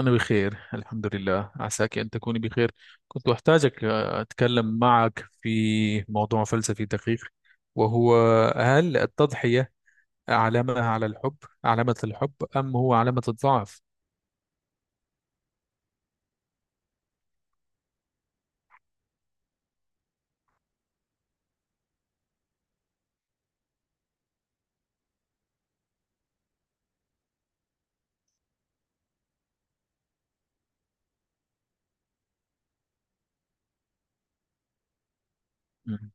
أنا بخير الحمد لله عساك أن تكوني بخير. كنت أحتاجك، أتكلم معك في موضوع فلسفي دقيق. وهو، هل التضحية علامة على الحب، علامة الحب أم هو علامة الضعف؟ مم.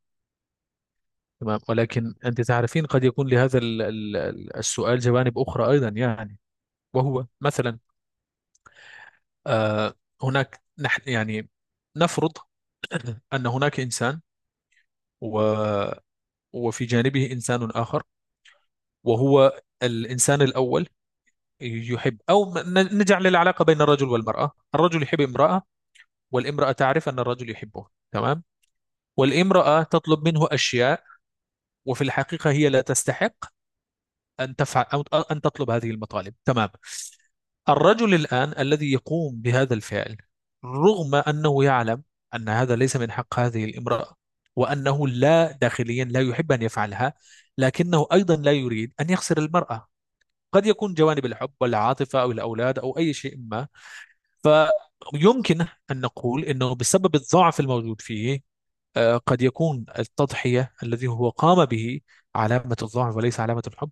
تمام، ولكن أنت تعرفين قد يكون لهذا السؤال جوانب أخرى أيضا يعني. وهو مثلا، آه، هناك نحن يعني نفرض أن هناك إنسان و وفي جانبه إنسان آخر، وهو الإنسان الأول يحب، أو نجعل العلاقة بين الرجل والمرأة، الرجل يحب امرأة، والامرأة تعرف أن الرجل يحبه، تمام. والامرأة تطلب منه أشياء، وفي الحقيقة هي لا تستحق أن تفعل أو أن تطلب هذه المطالب، تمام. الرجل الآن الذي يقوم بهذا الفعل، رغم أنه يعلم أن هذا ليس من حق هذه الامرأة، وأنه لا داخليا لا يحب أن يفعلها، لكنه أيضا لا يريد أن يخسر المرأة. قد يكون جوانب الحب والعاطفة أو الأولاد أو أي شيء ما، فيمكن أن نقول أنه بسبب الضعف الموجود فيه، قد يكون التضحية الذي هو قام به علامة الضعف وليس علامة الحب.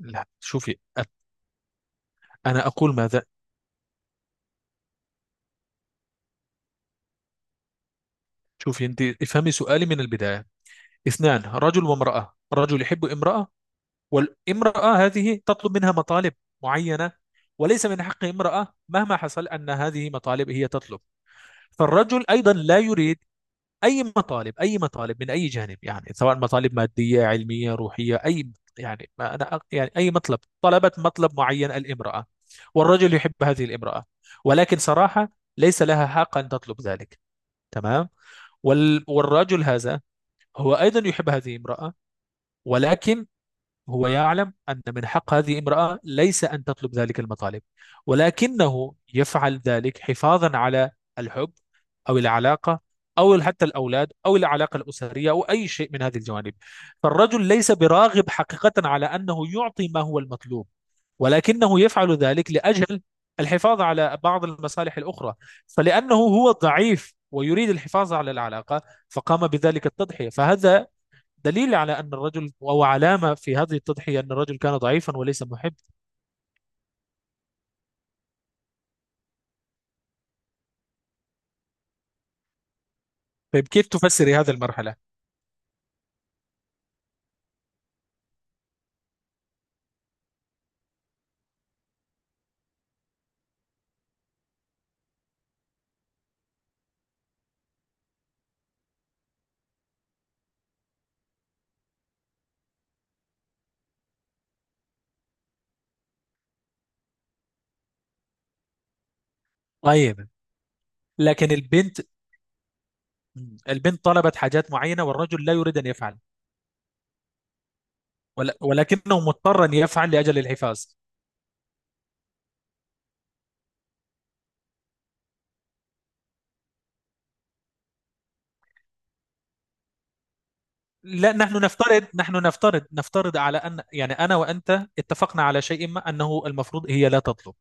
لا شوفي، أنا أقول ماذا. شوفي أنت، افهمي سؤالي من البداية. اثنان، رجل وامرأة، رجل يحب امرأة، والامرأة هذه تطلب منها مطالب معينة، وليس من حق امرأة مهما حصل أن هذه مطالب هي تطلب. فالرجل أيضا لا يريد. اي مطالب، اي مطالب من اي جانب يعني، سواء مطالب ماديه، علميه، روحيه، اي يعني. ما انا يعني اي مطلب، طلبت مطلب معين الامراه، والرجل يحب هذه الامراه، ولكن صراحه ليس لها حق ان تطلب ذلك، تمام. والرجل هذا هو ايضا يحب هذه الامراه، ولكن هو يعلم أن من حق هذه امرأة ليس أن تطلب ذلك المطالب، ولكنه يفعل ذلك حفاظا على الحب، أو العلاقة، أو حتى الأولاد أو العلاقة الأسرية أو أي شيء من هذه الجوانب. فالرجل ليس براغب حقيقة على أنه يعطي ما هو المطلوب، ولكنه يفعل ذلك لأجل الحفاظ على بعض المصالح الأخرى. فلأنه هو ضعيف ويريد الحفاظ على العلاقة فقام بذلك التضحية، فهذا دليل على أن الرجل، أو علامة في هذه التضحية، أن الرجل كان ضعيفا وليس محب. طيب كيف تفسري هذه المرحلة؟ طيب، لكن البنت، البنت طلبت حاجات معينة والرجل لا يريد أن يفعل، ولكنه مضطر أن يفعل لأجل الحفاظ. لا، نحن نفترض، نفترض على أن، يعني أنا وأنت اتفقنا على شيء ما أنه المفروض هي لا تطلب،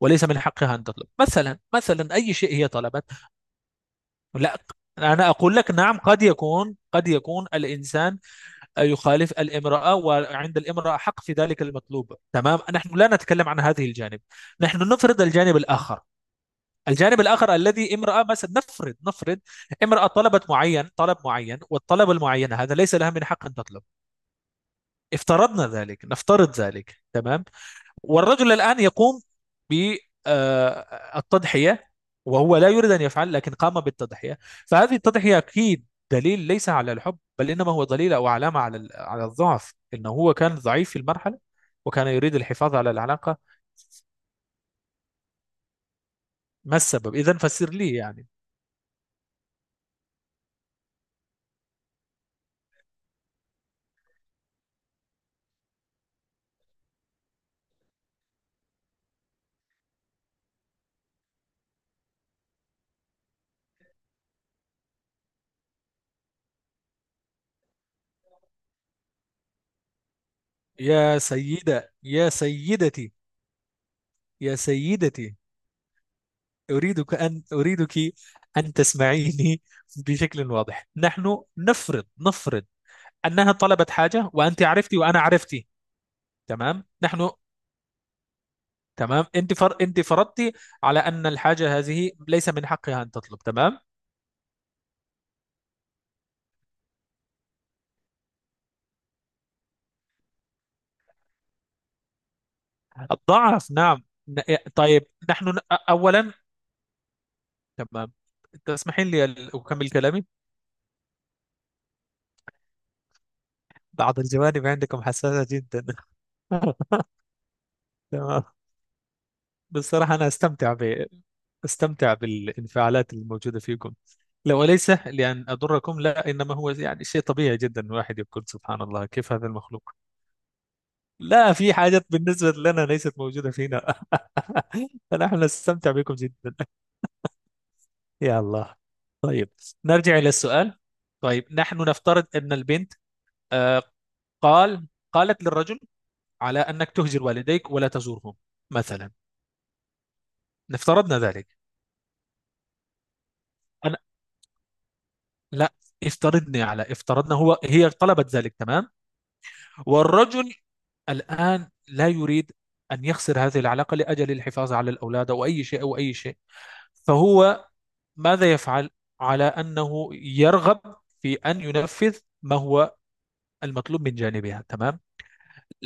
وليس من حقها أن تطلب، مثلا أي شيء هي طلبت. لا، أنا أقول لك نعم، قد يكون الإنسان يخالف الامرأة وعند الامرأة حق في ذلك المطلوب، تمام، نحن لا نتكلم عن هذه الجانب، نحن نفرض الجانب الآخر. الجانب الآخر الذي امرأة، مثلا نفرض نفرض امرأة طلبت معين، طلب معين، والطلب المعين هذا ليس لها من حق أن تطلب، افترضنا ذلك، نفترض ذلك، تمام. والرجل الآن يقوم بالتضحية، وهو لا يريد أن يفعل لكن قام بالتضحية. فهذه التضحية أكيد دليل ليس على الحب، بل إنما هو دليل أو علامة على على الضعف، إنه هو كان ضعيف في المرحلة وكان يريد الحفاظ على العلاقة. ما السبب إذا، فسر لي يعني. يا سيدتي، يا سيدتي، أريدك أن تسمعيني بشكل واضح. نحن نفرض، نفرض انها طلبت حاجه، وانت عرفتي وانا عرفتي، تمام. نحن، تمام، انت فرضتي على ان الحاجه هذه ليس من حقها ان تطلب، تمام. الضعف، نعم، إيه، طيب نحن، اولا، تمام. تسمحين لي اكمل كلامي. بعض الجوانب عندكم حساسة جدا. تمام. بصراحه انا استمتع ب... استمتع بالانفعالات الموجوده فيكم، لو ليس لان اضركم لا، انما هو يعني شيء طبيعي جدا، الواحد يقول سبحان الله كيف هذا المخلوق. لا، في حاجات بالنسبة لنا ليست موجودة فينا. فنحن نستمتع بكم جدا. يا الله. طيب، نرجع إلى السؤال. طيب، نحن نفترض أن البنت، آه، قال قالت للرجل على أنك تهجر والديك ولا تزورهم، مثلا، نفترضنا ذلك. أنا لا افترضني على، افترضنا هو، هي طلبت ذلك، تمام. والرجل الآن لا يريد أن يخسر هذه العلاقة لأجل الحفاظ على الأولاد أو أي شيء، فهو ماذا يفعل؟ على أنه يرغب في أن ينفذ ما هو المطلوب من جانبها، تمام.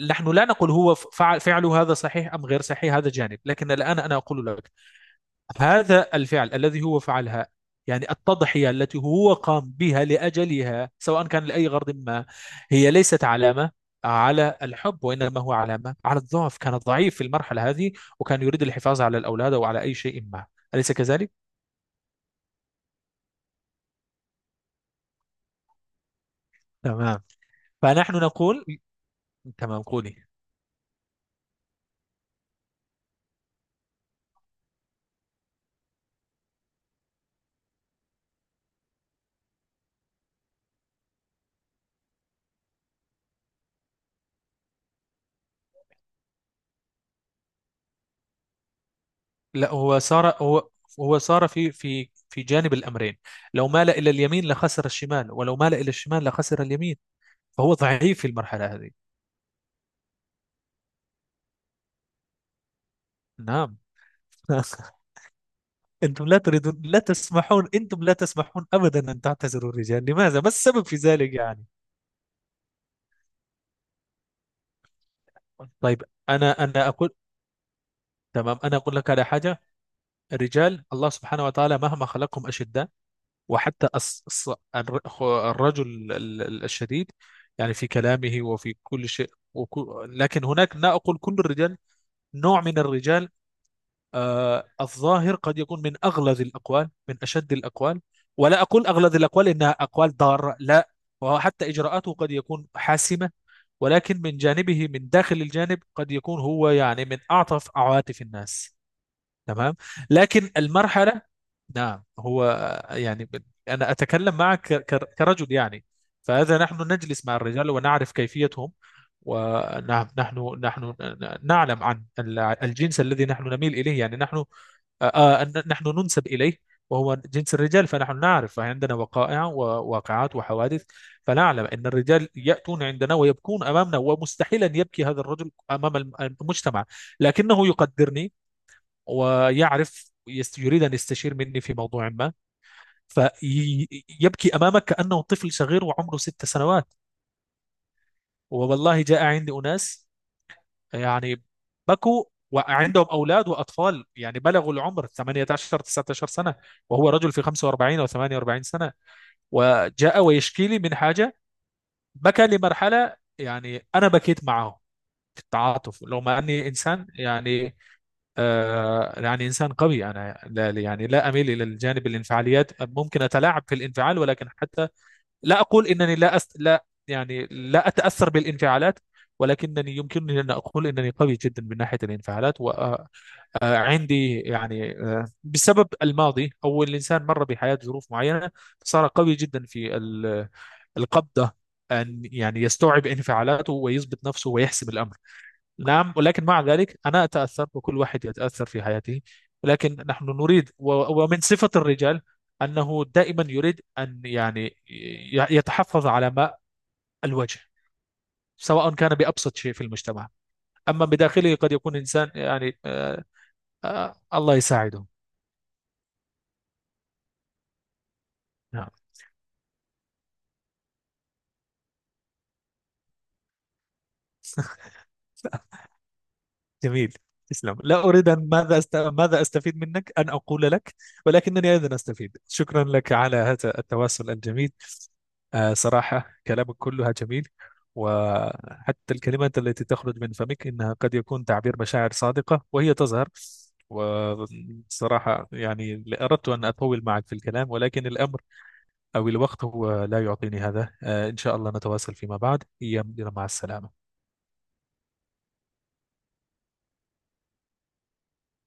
نحن لا نقول هو فعل فعله هذا صحيح أم غير صحيح، هذا جانب، لكن الآن أنا أقول لك هذا الفعل الذي هو فعلها، يعني التضحية التي هو قام بها لأجلها، سواء كان لأي غرض ما، هي ليست علامة على الحب، وإنما هو علامة على الضعف، كان ضعيف في المرحلة هذه وكان يريد الحفاظ على الأولاد أو على أي شيء ما. أليس كذلك؟ تمام، فنحن نقول، تمام قولي. لا، هو صار في جانب الأمرين، لو مال إلى اليمين لخسر الشمال، ولو مال إلى الشمال لخسر اليمين، فهو ضعيف في المرحلة هذه. نعم. أنتم لا تريدون، لا تسمحون، أنتم لا تسمحون أبدا أن تعتذروا الرجال، لماذا؟ ما السبب في ذلك يعني؟ طيب، أنا أقول، تمام، أنا أقول لك على حاجة. الرجال الله سبحانه وتعالى مهما خلقهم أشداء، وحتى الرجل الشديد، يعني في كلامه وفي كل شيء، لكن هناك، لا أقول كل الرجال، نوع من الرجال، الظاهر قد يكون من أغلظ الأقوال، من أشد الأقوال، ولا أقول أغلظ الأقوال إنها أقوال ضارة، لا، وهو حتى إجراءاته قد يكون حاسمة، ولكن من جانبه من داخل الجانب قد يكون هو يعني من أعطف عواطف الناس، تمام. لكن المرحلة، نعم هو يعني، أنا أتكلم معك كرجل يعني، فهذا نحن نجلس مع الرجال ونعرف كيفيتهم. ونعم، نحن نعلم عن الجنس الذي نحن نميل إليه، يعني نحن نحن ننسب إليه، وهو جنس الرجال، فنحن نعرف عندنا وقائع وواقعات وحوادث. فنعلم أن الرجال يأتون عندنا ويبكون أمامنا، ومستحيل أن يبكي هذا الرجل أمام المجتمع، لكنه يقدرني ويعرف، يريد أن يستشير مني في موضوع ما، فيبكي أمامك كأنه طفل صغير وعمره 6 سنوات. والله جاء عندي أناس يعني بكوا، وعندهم أولاد وأطفال يعني بلغوا العمر 18 19 سنة، وهو رجل في 45 أو 48 سنة، وجاء ويشكي لي من حاجة، بكى لمرحلة يعني أنا بكيت معه في التعاطف، لو ما أني إنسان يعني، يعني إنسان قوي. أنا لا يعني لا أميل إلى الجانب الانفعاليات، ممكن أتلاعب في الانفعال، ولكن حتى لا أقول إنني لا أس... لا يعني لا أتأثر بالانفعالات، ولكنني يمكنني أن أقول إنني قوي جدا من ناحية الانفعالات. وعندي يعني، بسبب الماضي أو الإنسان مر بحياة ظروف معينة، صار قوي جدا في القبضة، أن يعني يستوعب انفعالاته ويضبط نفسه ويحسم الأمر. نعم، ولكن مع ذلك أنا أتأثر، وكل واحد يتأثر في حياته. ولكن نحن نريد، ومن صفة الرجال أنه دائما يريد أن يعني يتحفظ على ماء الوجه، سواء كان بأبسط شيء في المجتمع، أما بداخله قد يكون إنسان يعني الله يساعده. نعم. جميل، تسلم. لا أريد أن ماذا ماذا أستفيد منك أن أقول لك، ولكنني أيضا أستفيد. شكرا لك على هذا التواصل الجميل. صراحة كلامك كلها جميل، وحتى الكلمات التي تخرج من فمك إنها قد يكون تعبير مشاعر صادقة وهي تظهر. وصراحة يعني أردت أن أطول معك في الكلام، ولكن الأمر أو الوقت هو لا يعطيني هذا، إن شاء الله نتواصل فيما بعد يا مدير، مع السلامة.